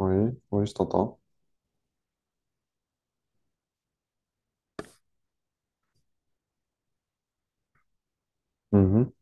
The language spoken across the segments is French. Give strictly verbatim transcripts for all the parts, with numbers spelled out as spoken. Oui, oui, je t'entends. Mhm,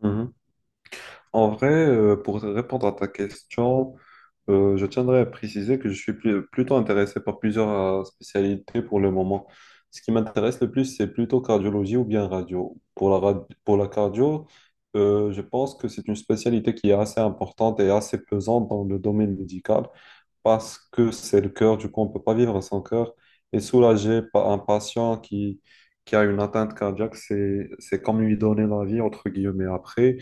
mhm. En vrai, euh, pour répondre à ta question, euh, je tiendrais à préciser que je suis plu- plutôt intéressé par plusieurs euh, spécialités pour le moment. Ce qui m'intéresse le plus, c'est plutôt cardiologie ou bien radio. Pour la, rad- pour la cardio, euh, je pense que c'est une spécialité qui est assez importante et assez pesante dans le domaine médical, parce que c'est le cœur, du coup, on ne peut pas vivre sans cœur. Et soulager pa- un patient qui, qui a une atteinte cardiaque, c'est, c'est comme lui donner la vie, entre guillemets. Après,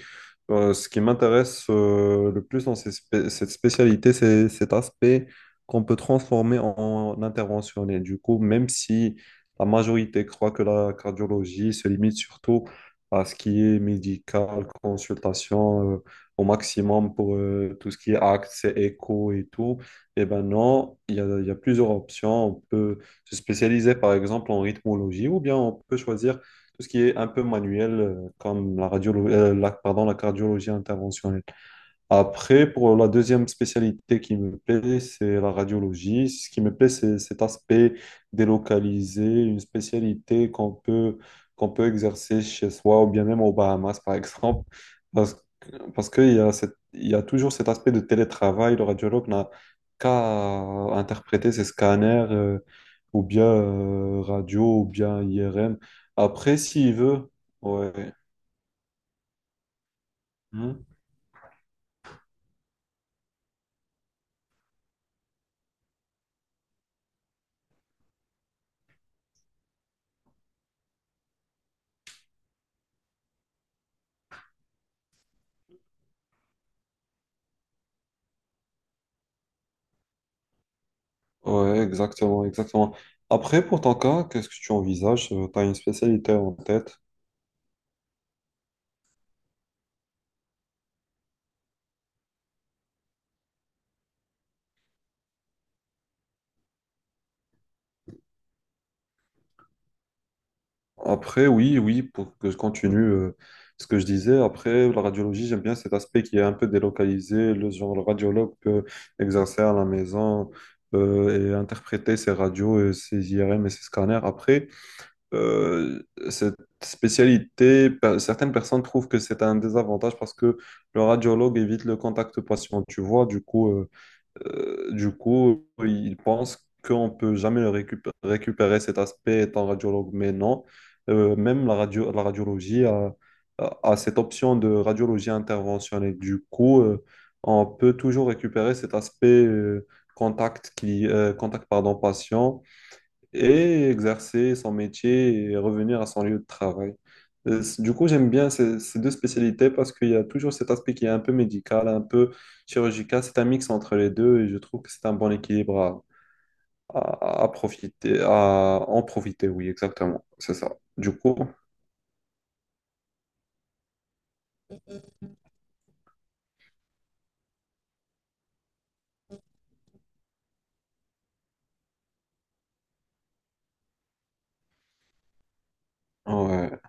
euh, ce qui m'intéresse euh, le plus dans ces spé- cette spécialité, c'est cet aspect qu'on peut transformer en interventionnel. Du coup, même si la majorité croit que la cardiologie se limite surtout à ce qui est médical, consultation euh, au maximum pour euh, tout ce qui est actes, écho et tout, eh ben non, il y a, il y a plusieurs options. On peut se spécialiser par exemple en rythmologie ou bien on peut choisir tout ce qui est un peu manuel, euh, comme la radiologie, la, pardon, la cardiologie interventionnelle. Après, pour la deuxième spécialité qui me plaît, c'est la radiologie. Ce qui me plaît, c'est cet aspect délocalisé, une spécialité qu'on peut, qu'on peut exercer chez soi ou bien même aux Bahamas, par exemple, parce, que- parce qu'il y a cette- il y a toujours cet aspect de télétravail. Le radiologue n'a qu'à interpréter ses scanners, euh, ou bien euh, radio, ou bien I R M. Après, s'il veut, ouais. Hmm. Ouais, exactement, exactement. Après, pour ton cas, qu'est-ce que tu envisages? Tu as une spécialité en tête? Après, oui, oui, pour que je continue euh, ce que je disais. Après, la radiologie, j'aime bien cet aspect qui est un peu délocalisé. Le genre, le radiologue peut exercer à la maison, euh, et interpréter ses radios, et ses I R M et ses scanners. Après, euh, cette spécialité, pe- certaines personnes trouvent que c'est un désavantage parce que le radiologue évite le contact patient. Tu vois, du coup. Euh, Euh, du coup, ils pensent qu'on ne peut jamais le récup- récupérer cet aspect étant radiologue, mais non. Euh, même la radio, la radiologie a, a- a cette option de radiologie interventionnelle. Du coup, euh, on peut toujours récupérer cet aspect euh, contact qui, euh, contact, pardon, patient, et exercer son métier et revenir à son lieu de travail. Euh, c- Du coup, j'aime bien ces, ces deux spécialités parce qu'il y a toujours cet aspect qui est un peu médical, un peu chirurgical. C'est un mix entre les deux et je trouve que c'est un bon équilibre à, à- à profiter, à en profiter. Oui, exactement. C'est ça. Du coup, ouais,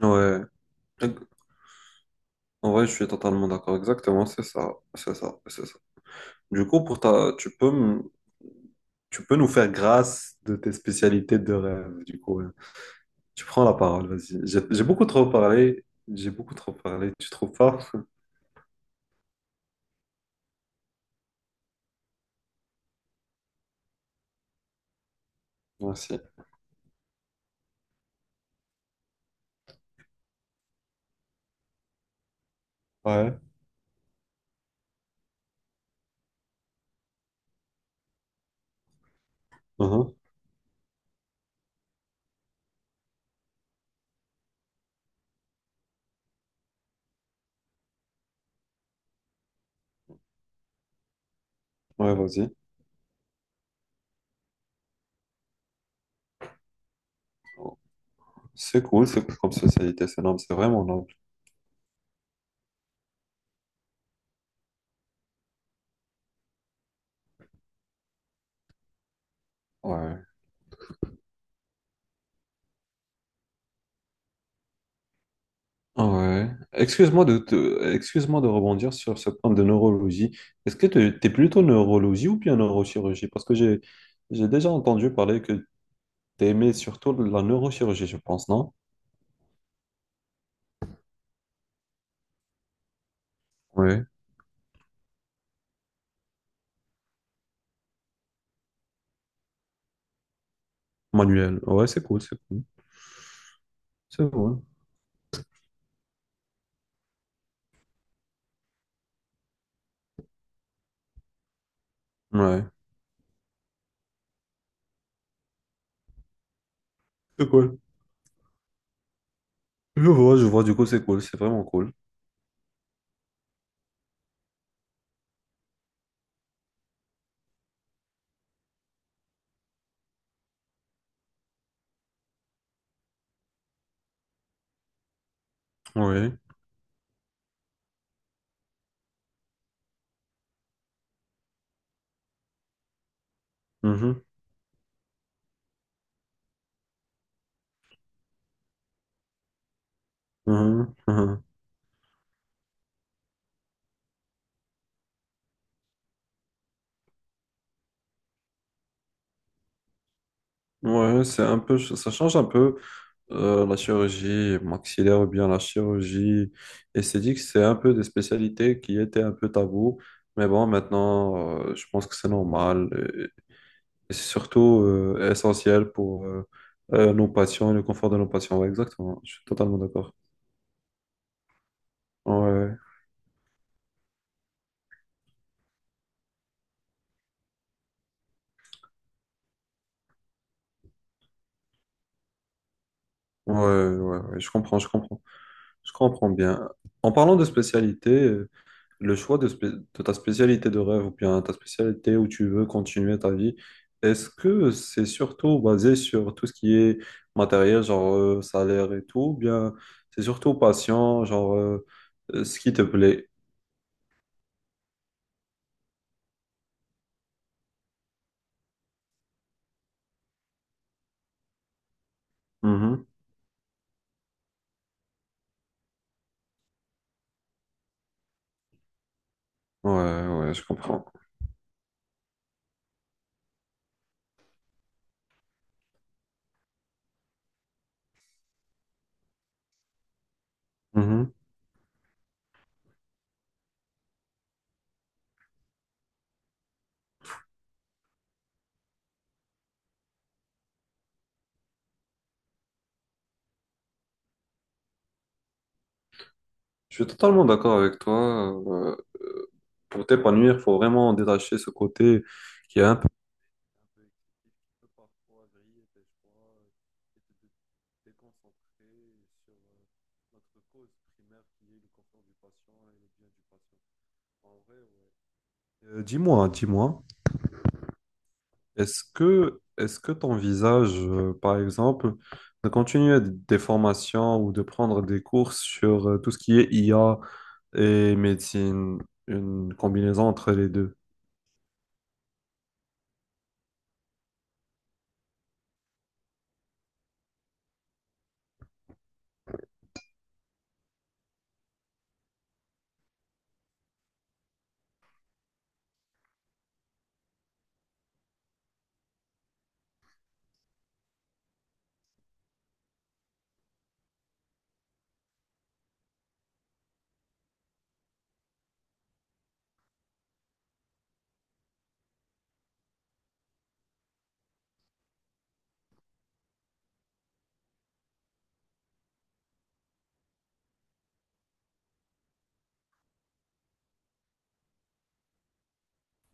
ouais. En vrai, je suis totalement d'accord. Exactement, c'est ça. C'est ça. C'est ça. Du coup, pour ta, tu peux, me- tu peux nous faire grâce de tes spécialités de rêve, du coup. Tu prends la parole, vas-y. J'ai j'ai beaucoup trop parlé. J'ai beaucoup trop parlé. Tu trouves pas? Merci. Ouais. Mhm. Ouais, vas-y. C'est cool, c'est cool comme société. C'est noble, c'est vraiment noble. Ouais. Ouais. Excuse-moi de te- excuse-moi de rebondir sur ce point de neurologie. Est-ce que tu es plutôt neurologie ou bien neurochirurgie? Parce que j'ai j'ai déjà entendu parler que tu aimais surtout la neurochirurgie, je pense, non? Ouais. Manuel. Ouais, c'est cool, c'est cool. C'est cool. Ouais. C'est cool. Je vois, je vois, du coup, c'est cool, c'est vraiment cool. Oui. Mhm, mhm, mhm. Ouais, c'est un peu, ça change un peu, euh, la chirurgie maxillaire ou bien la chirurgie esthétique. C'est un peu des spécialités qui étaient un peu tabou. Mais bon, maintenant, euh, je pense que c'est normal, et, et c'est surtout euh, essentiel pour euh, euh, nos patients et le confort de nos patients. Ouais, exactement, je suis totalement d'accord. Ouais, ouais, ouais, ouais, je comprends, je comprends. Je comprends bien. En parlant de spécialité, le choix de, spé- de ta spécialité de rêve ou bien ta spécialité où tu veux continuer ta vie, est-ce que c'est surtout basé sur tout ce qui est matériel, genre euh, salaire et tout, ou bien c'est surtout patient, genre euh, euh, ce qui te plaît? Mhm. Ouais, ouais, je comprends. Mhm. Je suis totalement d'accord avec toi. euh, euh, pour t'épanouir, il faut vraiment détacher ce côté qui est un un peu excessif qui peut parfois griller tes choix et te dé- déconcentrer sur, euh, notre cause primaire qui est le confort du patient et le bien du patient. En vrai, ouais. Euh, dis-moi, dis-moi, est-ce que est-ce que t'envisages, euh, par exemple, de continuer d- des formations ou de prendre des cours sur euh, tout ce qui est I A et médecine, une combinaison entre les deux?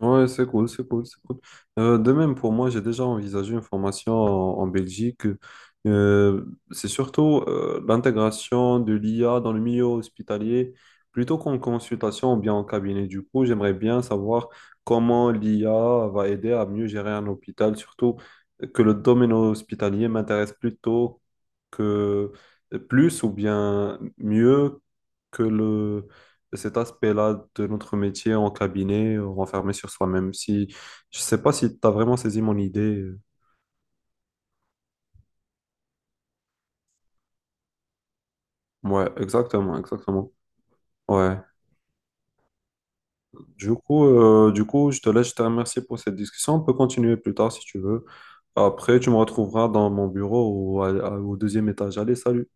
Ouais, c'est cool, c'est cool, c'est cool. Euh, de même, pour moi, j'ai déjà envisagé une formation en, en Belgique. Euh, c'est surtout euh, l'intégration de l'I A dans le milieu hospitalier, plutôt qu'en consultation ou bien en cabinet. Du coup, j'aimerais bien savoir comment l'I A va aider à mieux gérer un hôpital, surtout que le domaine hospitalier m'intéresse plutôt que plus ou bien mieux que le cet aspect-là de notre métier en cabinet, euh, renfermé sur soi-même. Si, je sais pas si tu as vraiment saisi mon idée. euh. Ouais, exactement, exactement. Ouais. Du coup, euh, du coup, je te laisse, je te remercie pour cette discussion. On peut continuer plus tard si tu veux. Après, tu me retrouveras dans mon bureau ou à- à- au deuxième étage. Allez, salut.